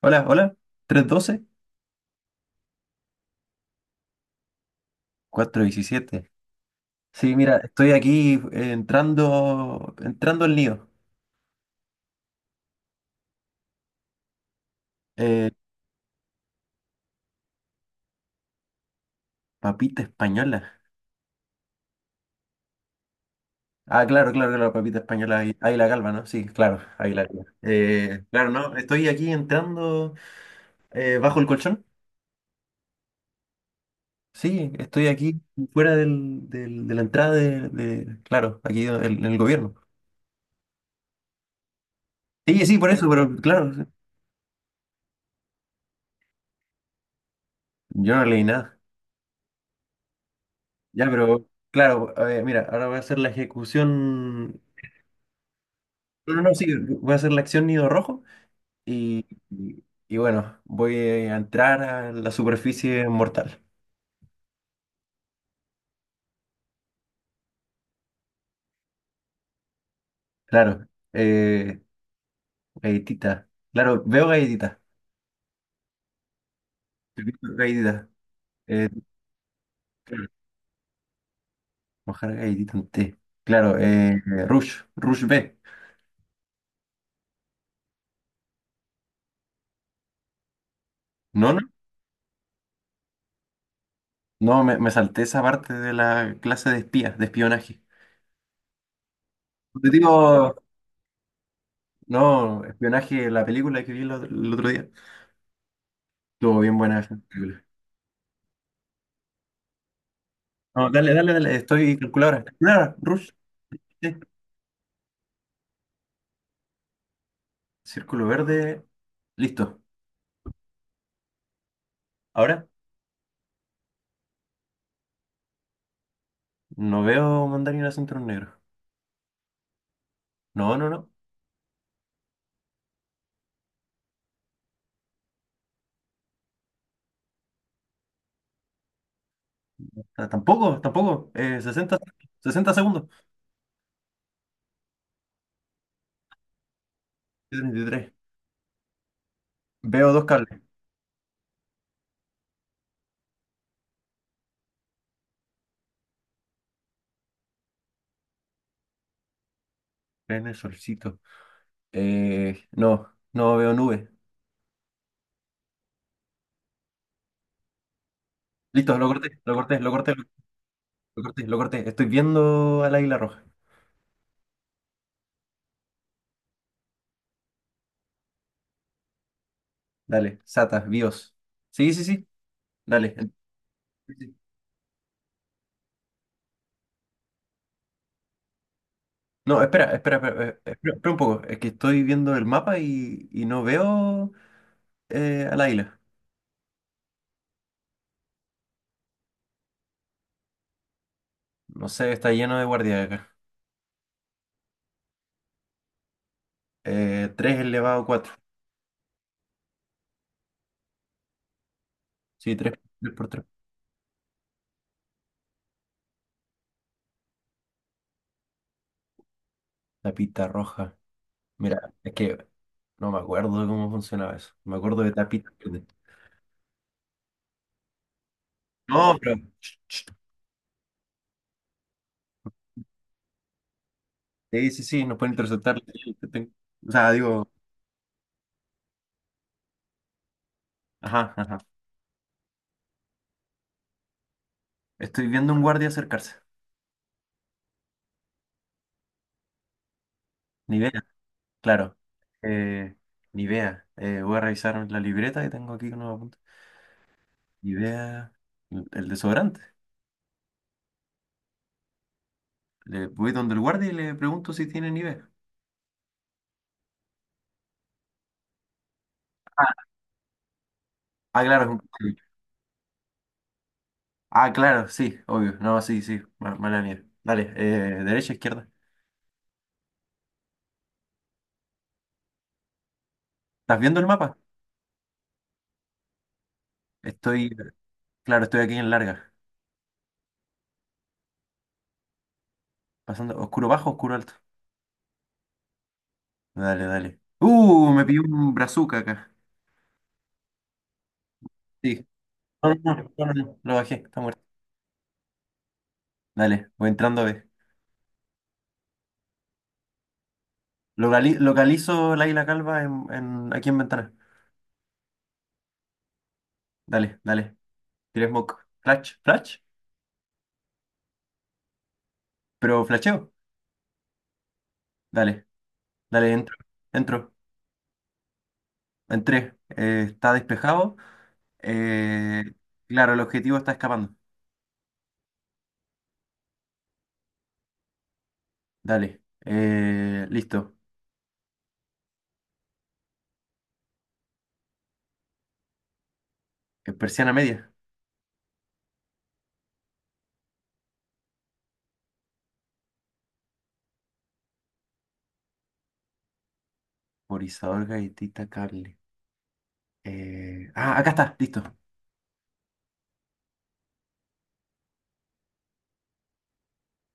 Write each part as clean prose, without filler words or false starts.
Hola, hola, 312, 17. Sí, mira, estoy aquí entrando al lío. Eh, papita española. Ah, claro, claro, claro, papita española, ahí la calva, ¿no? Sí, claro, ahí la calva. Claro, no, estoy aquí entrando bajo el colchón. Sí, estoy aquí fuera de la entrada claro, aquí en el gobierno. Sí, sí, por eso, pero claro, sí. Yo no leí nada. Ya, pero claro, a ver, mira, ahora voy a hacer la ejecución. No, no, no, sí, voy a hacer la acción nido rojo y, y- y bueno, voy a entrar a la superficie mortal. Claro, eh, galletita. Claro, veo galletita. Galletita. Eh, claro, mojar galletita en té. Claro, Rush B. No, no, no, me salté esa parte de la clase de espías, de espionaje. Te digo, no, espionaje, la película que vi el otro día. Estuvo bien buena esa película. No, dale, dale, dale, estoy calculadora. Calculadora, Rush. Sí. Círculo verde. Listo. Ahora no veo mandarín acento negro. No, no, no. Ah, tampoco, tampoco. Sesenta. 60 segundos. 33. Veo dos cables. En el solcito. No veo nube. Listo, lo corté, lo corté, lo corté, lo corté, lo corté. Estoy viendo al águila roja. Dale, Sata, BIOS. Sí, sí, sí. Dale. Sí, sí. No, espera, espera, espera, espera, espera un poco. Es que estoy viendo el mapa y no veo al águila. No sé, está lleno de guardias acá. 3 elevado a 4. Sí, 3 por tres. Tapita roja. Mira, es que no me acuerdo de cómo funcionaba eso. Me acuerdo de tapita verde. No, pero. Ch, ch. Sí, sí, sí, nos pueden interceptar. O sea, digo. Ajá, ajá. Estoy viendo un guardia acercarse. Ni vea, claro. Eh, ni vea. Voy a revisar la libreta que tengo aquí que no me apunta. Ni vea. El desodorante. Le voy donde el guardia y le pregunto si tiene Nivea. Ah, claro. Ah, claro, sí, obvio. No, sí, sí, mala mía. Dale, derecha, izquierda. ¿Estás viendo el mapa? Estoy, claro, estoy aquí en larga. Pasando oscuro bajo, oscuro alto. Dale, dale. Me pilló un brazuca acá. Sí. No, no, no, no, no, no, lo bajé, está muerto. Dale, voy entrando a ver. Localizo la isla calva aquí en ventana. Dale, dale. Tiré smoke. Flash, flash. Pero flasheo. Dale, dale, entro. Entro. Entré. Está despejado. Eh, claro, el objetivo está escapando. Dale, listo. Persiana media. Por Isadora Gaitita Cable. Acá está, listo.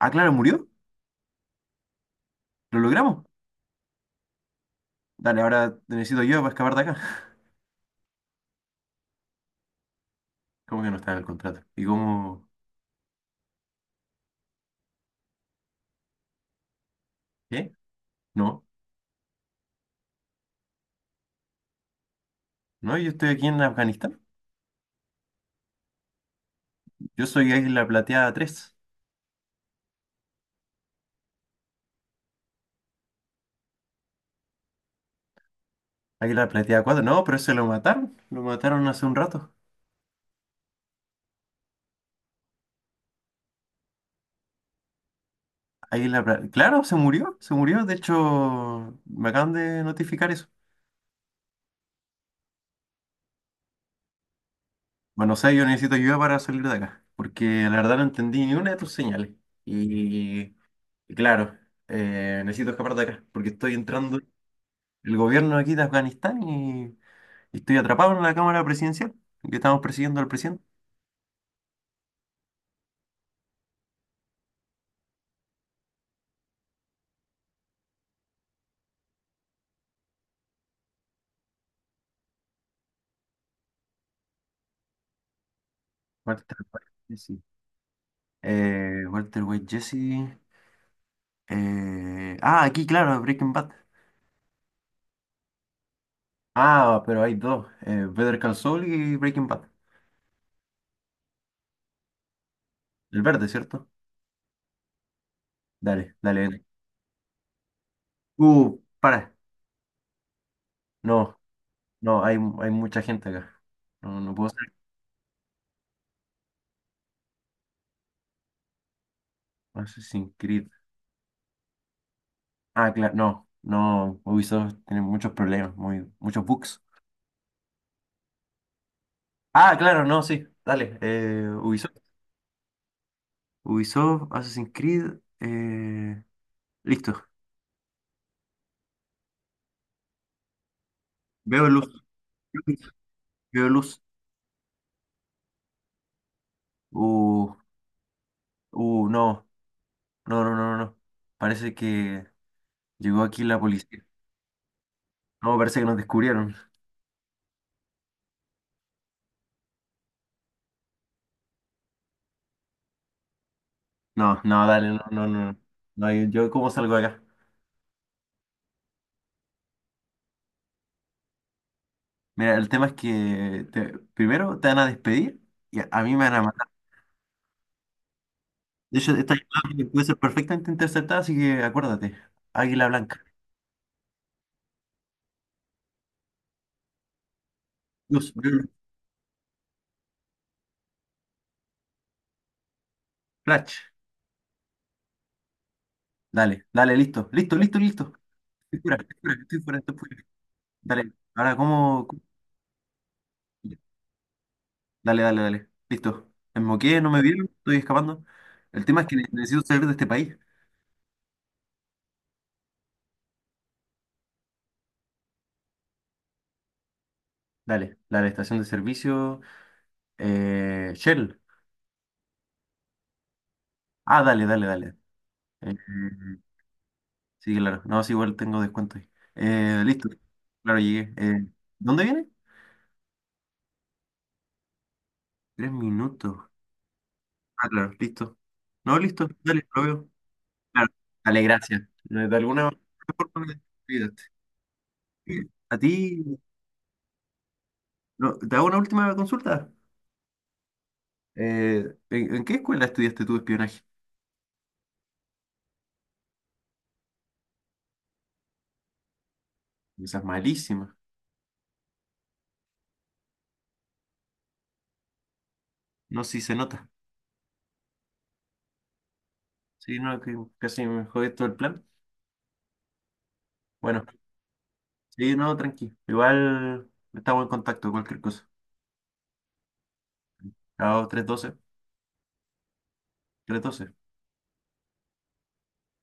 Ah, claro, murió. ¿Lo logramos? Dale, ahora te necesito yo para escapar de acá. ¿Cómo que no está en el contrato? ¿Y cómo? ¿Qué? No, no, yo estoy aquí en Afganistán. Yo soy Águila Plateada 3. Águila Plateada 4. No, pero ese lo mataron. Lo mataron hace un rato. Águila Plateada. Claro, se murió, se murió. De hecho, me acaban de notificar eso. Bueno, o sea, yo necesito ayuda para salir de acá, porque la verdad no entendí ni una de tus señales. Y, y claro, necesito escapar de acá, porque estoy entrando el gobierno aquí de Afganistán y estoy atrapado en la Cámara Presidencial, que estamos persiguiendo al presidente. Walter White Jesse. Walter White Jesse. Aquí, claro, Breaking Bad. Ah, pero hay dos, Better Call Saul y Breaking Bad. El verde, ¿cierto? Dale, dale, dale. Para. No. No, hay mucha gente acá. No, no puedo ser Assassin's Creed. Ah, claro, no, no, Ubisoft tiene muchos problemas, muchos bugs. Ah, claro, no, sí, dale. Ubisoft, Assassin's Creed, listo. Veo luz, veo luz. Uh, no, no, no, no, no. Parece que llegó aquí la policía. No, parece que nos descubrieron. No, no, dale, no, no, no. No, no, yo, ¿cómo salgo de acá? Mira, el tema es que primero te van a despedir y a mí me van a matar. De hecho, esta llamada puede ser perfectamente interceptada, así que acuérdate. Águila blanca. Luz, verde, flash. Dale, dale, listo. Listo, listo, listo. Estoy fuera, estoy fuera, estoy fuera, estoy fuera. Dale, ahora, ¿cómo? Dale, dale, dale. Listo. Me moqué, no me vieron, estoy escapando. El tema es que necesito salir de este país. Dale, dale, estación de servicio. Shell. Ah, dale, dale, dale. Eh, Sí, claro. No, sí, igual tengo descuento ahí. Listo. Claro, llegué. ¿Dónde viene? 3 minutos. Ah, claro, listo. No, listo. Dale, lo veo. Claro. Dale, gracias. De alguna forma me ayudaste. A ti, no, te hago una última consulta. En qué escuela estudiaste tu espionaje? Esa es malísima. No, sí se nota. Sí, no, que casi me jodé todo el plan. Bueno, sí, no, tranqui. Igual estamos en contacto, cualquier cosa. Chao, 312 312.